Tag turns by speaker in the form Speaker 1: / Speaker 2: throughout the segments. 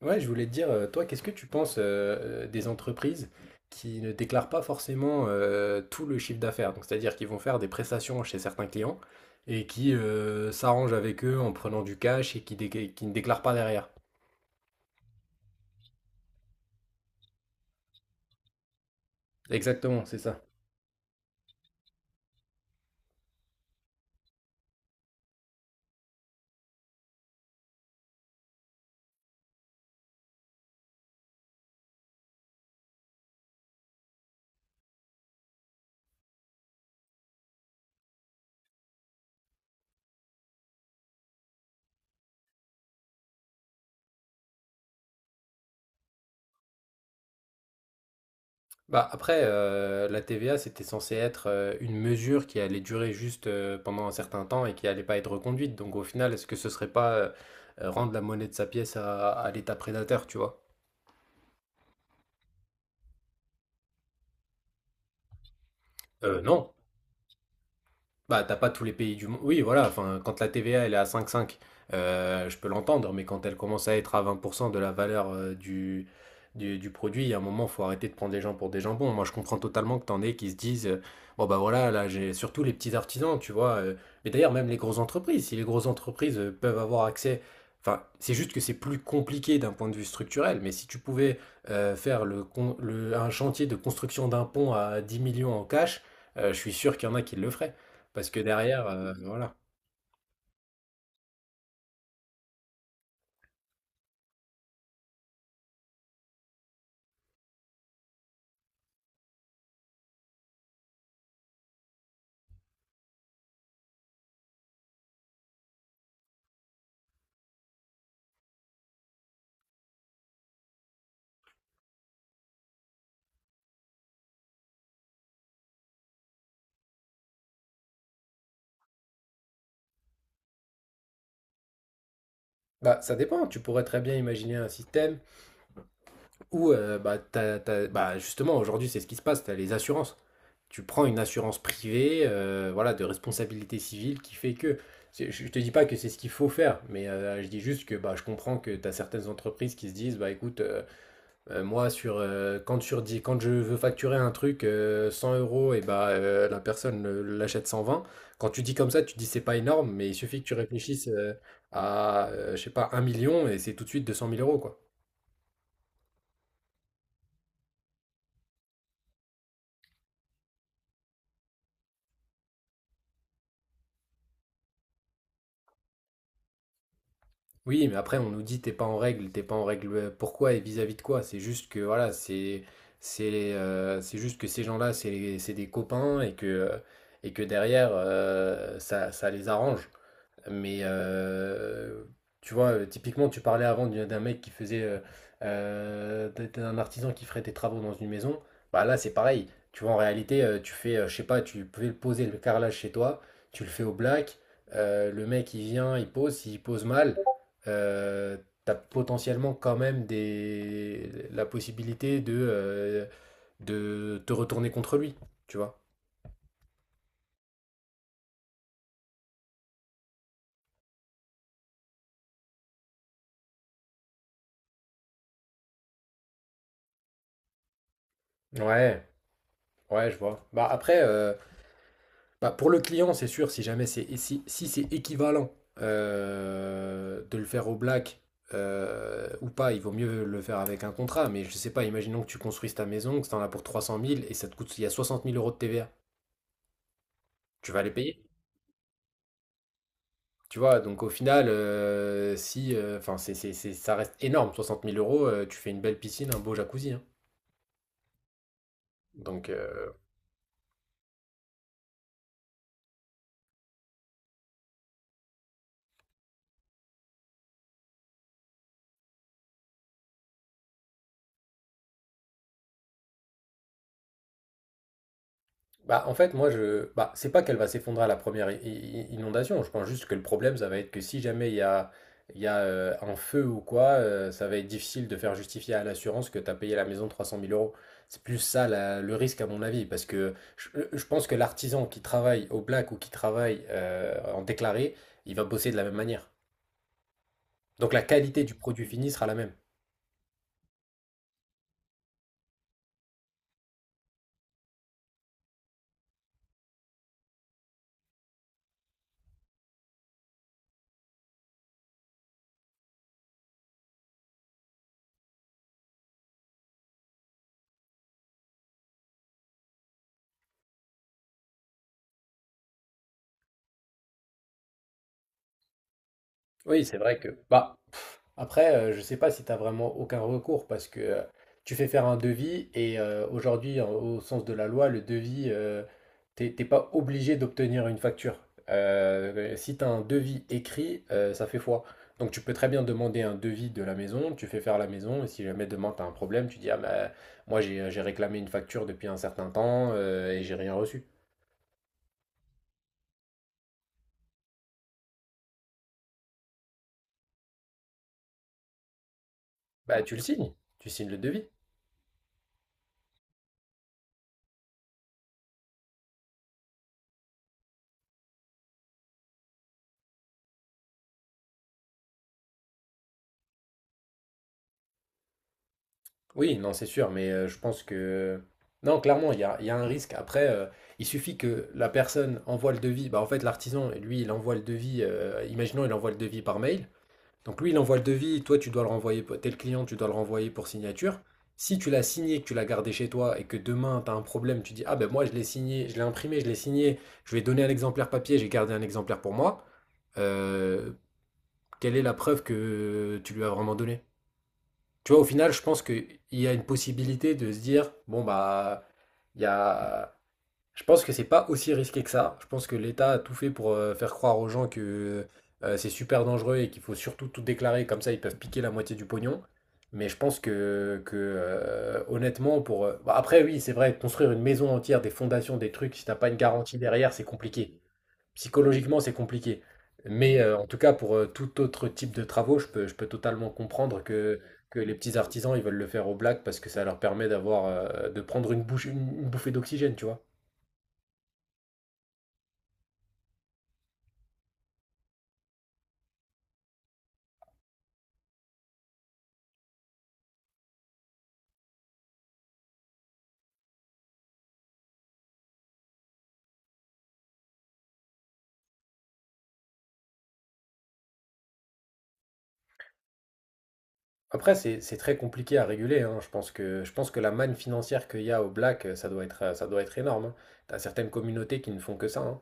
Speaker 1: Ouais, je voulais te dire, toi, qu'est-ce que tu penses des entreprises qui ne déclarent pas forcément tout le chiffre d'affaires? Donc, c'est-à-dire qu'ils vont faire des prestations chez certains clients et qui s'arrangent avec eux en prenant du cash et qui, qui ne déclarent pas derrière. Exactement, c'est ça. Bah, après, la TVA, c'était censé être une mesure qui allait durer juste pendant un certain temps et qui allait pas être reconduite. Donc, au final, est-ce que ce serait pas rendre la monnaie de sa pièce à l'État prédateur, tu vois? Non. Bah, t'as pas tous les pays du monde. Oui, voilà, enfin, quand la TVA elle est à 5,5, je peux l'entendre, mais quand elle commence à être à 20% de la valeur du produit, il y a un moment, faut arrêter de prendre les gens pour des jambons. Moi, je comprends totalement que t'en aies qui se disent, bon, bah voilà, là, j'ai surtout les petits artisans, tu vois. Mais d'ailleurs, même les grosses entreprises, si les grosses entreprises peuvent avoir accès. Enfin, c'est juste que c'est plus compliqué d'un point de vue structurel, mais si tu pouvais faire le, con- le- un chantier de construction d'un pont à 10 millions en cash, je suis sûr qu'il y en a qui le feraient. Parce que derrière, voilà. Bah, ça dépend, tu pourrais très bien imaginer un système où, bah, t'as, as bah, justement, aujourd'hui, c'est ce qui se passe, tu as les assurances. Tu prends une assurance privée, voilà, de responsabilité civile qui fait que c'est je ne te dis pas que c'est ce qu'il faut faire, mais, je dis juste que, bah, je comprends que tu as certaines entreprises qui se disent: «Bah, écoute, moi, sur, quand, quand je veux facturer un truc 100 euros, et bah, la personne l'achète 120. Quand tu dis comme ça, tu dis c'est pas énorme, mais il suffit que tu réfléchisses à, je sais pas, un million et c'est tout de suite 200 000 euros, quoi. Oui, mais après, on nous dit t'es pas en règle, t'es pas en règle. Pourquoi et vis-à-vis de quoi? C'est juste que, voilà, c'est juste que ces gens-là, c'est des copains et que derrière, ça, ça les arrange. Mais tu vois, typiquement, tu parlais avant d'un mec qui faisait, d'un artisan qui ferait des travaux dans une maison. Bah là, c'est pareil. Tu vois, en réalité, tu fais, je sais pas, tu peux le poser le carrelage chez toi, tu le fais au black. Le mec, il vient, il pose. S'il pose mal, euh, t'as potentiellement quand même la possibilité de te retourner contre lui. Tu vois. Ouais, ouais, je vois. Bah après, bah, pour le client, c'est sûr, si jamais c'est si c'est équivalent de le faire au black ou pas, il vaut mieux le faire avec un contrat. Mais je sais pas, imaginons que tu construises ta maison, que tu en as pour 300 000 et ça te coûte, il y a 60 000 € de TVA. Tu vas les payer? Tu vois, donc au final, si, enfin, ça reste énorme, soixante mille euros, tu fais une belle piscine, un beau jacuzzi, hein. Donc, bah, en fait, moi, je. Bah, c'est pas qu'elle va s'effondrer à la première inondation. Je pense juste que le problème, ça va être que si jamais il y a un feu ou quoi, ça va être difficile de faire justifier à l'assurance que tu as payé la maison trois cent mille euros. C'est plus ça le risque, à mon avis. Parce que je pense que l'artisan qui travaille au black ou qui travaille en déclaré, il va bosser de la même manière. Donc la qualité du produit fini sera la même. Oui, c'est vrai que. Bah, après, je sais pas si tu n'as vraiment aucun recours parce que tu fais faire un devis et aujourd'hui, au sens de la loi, le devis, t'es pas obligé d'obtenir une facture. Si tu as un devis écrit, ça fait foi. Donc tu peux très bien demander un devis de la maison, tu fais faire la maison et si jamais demain tu as un problème, tu dis: Ah bah, moi j'ai réclamé une facture depuis un certain temps et j'ai rien reçu. Bah tu le signes, tu signes le devis. Oui, non, c'est sûr, mais je pense que... Non, clairement, il y a un risque. Après, il suffit que la personne envoie le devis. Bah, en fait, l'artisan, lui, il envoie le devis. Imaginons, il envoie le devis par mail. Donc lui, il envoie le devis. Toi, tu dois le renvoyer. Tel client, tu dois le renvoyer pour signature. Si tu l'as signé, que tu l'as gardé chez toi et que demain, tu as un problème, tu dis, ah ben moi, je l'ai signé, je l'ai imprimé, je l'ai signé, je vais donner un exemplaire papier, j'ai gardé un exemplaire pour moi. Euh, Quelle est la preuve que tu lui as vraiment donné? Tu vois, au final, je pense qu'il y a une possibilité de se dire, bon, bah, il y a... Je pense que c'est pas aussi risqué que ça. Je pense que l'État a tout fait pour faire croire aux gens que c'est super dangereux et qu'il faut surtout tout déclarer, comme ça ils peuvent piquer la moitié du pognon. Mais je pense que, honnêtement, pour... bah, après, oui, c'est vrai, construire une maison entière, des fondations, des trucs, si t'as pas une garantie derrière, c'est compliqué. Psychologiquement, c'est compliqué. Mais en tout cas, pour tout autre type de travaux, je peux totalement comprendre que les petits artisans, ils veulent le faire au black parce que ça leur permet d'avoir, de prendre une bouche, une bouffée d'oxygène, tu vois. Après, c'est très compliqué à réguler, hein. Je pense que je pense que, la manne financière qu'il y a au black, ça doit être énorme, hein. T'as certaines communautés qui ne font que ça, hein.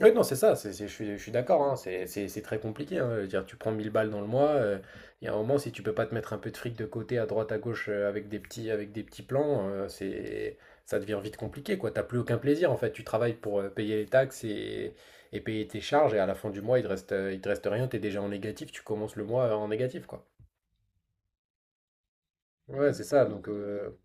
Speaker 1: Oui, non, c'est ça, je suis d'accord, hein, c'est très compliqué, hein, je veux dire, tu prends 1 000 balles dans le mois, il y a un moment, si tu peux pas te mettre un peu de fric de côté, à droite, à gauche, avec avec des petits plans, ça devient vite compliqué, quoi. T'as plus aucun plaisir, en fait. Tu travailles pour payer les taxes et payer tes charges, et à la fin du mois, il te reste rien, t'es déjà en négatif, tu commences le mois en négatif, quoi. Ouais, c'est ça, donc...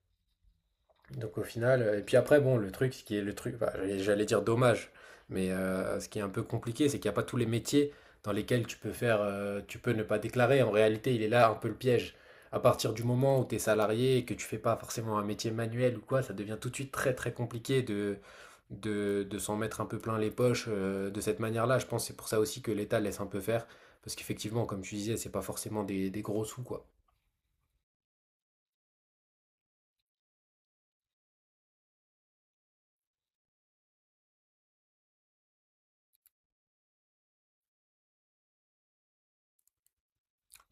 Speaker 1: Donc au final, et puis après, bon, le truc, ce qui est le truc, bah, j'allais dire dommage, mais ce qui est un peu compliqué, c'est qu'il n'y a pas tous les métiers dans lesquels tu peux faire, tu peux ne pas déclarer. En réalité, il est là un peu le piège. À partir du moment où tu es salarié et que tu fais pas forcément un métier manuel ou quoi, ça devient tout de suite très très compliqué de s'en mettre un peu plein les poches de cette manière-là. Je pense que c'est pour ça aussi que l'État laisse un peu faire, parce qu'effectivement, comme tu disais, c'est pas forcément des gros sous, quoi.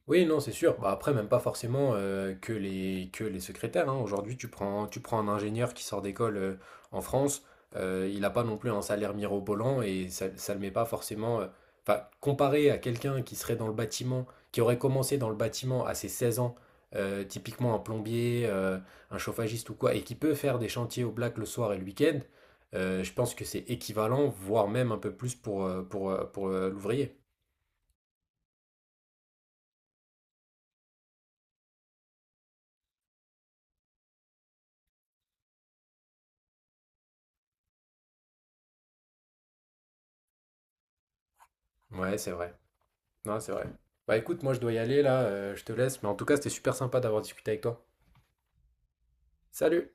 Speaker 1: Oui, non, c'est sûr. Bah, après, même pas forcément que les secrétaires, hein. Aujourd'hui, tu prends un ingénieur qui sort d'école en France, il n'a pas non plus un salaire mirobolant et ça ne le met pas forcément. Enfin, comparé à quelqu'un qui serait dans le bâtiment, qui aurait commencé dans le bâtiment à ses 16 ans, typiquement un plombier, un chauffagiste ou quoi, et qui peut faire des chantiers au black le soir et le week-end, je pense que c'est équivalent, voire même un peu plus pour l'ouvrier. Ouais, c'est vrai. Non, c'est vrai. Bah écoute, moi je dois y aller là, je te laisse, mais en tout cas c'était super sympa d'avoir discuté avec toi. Salut!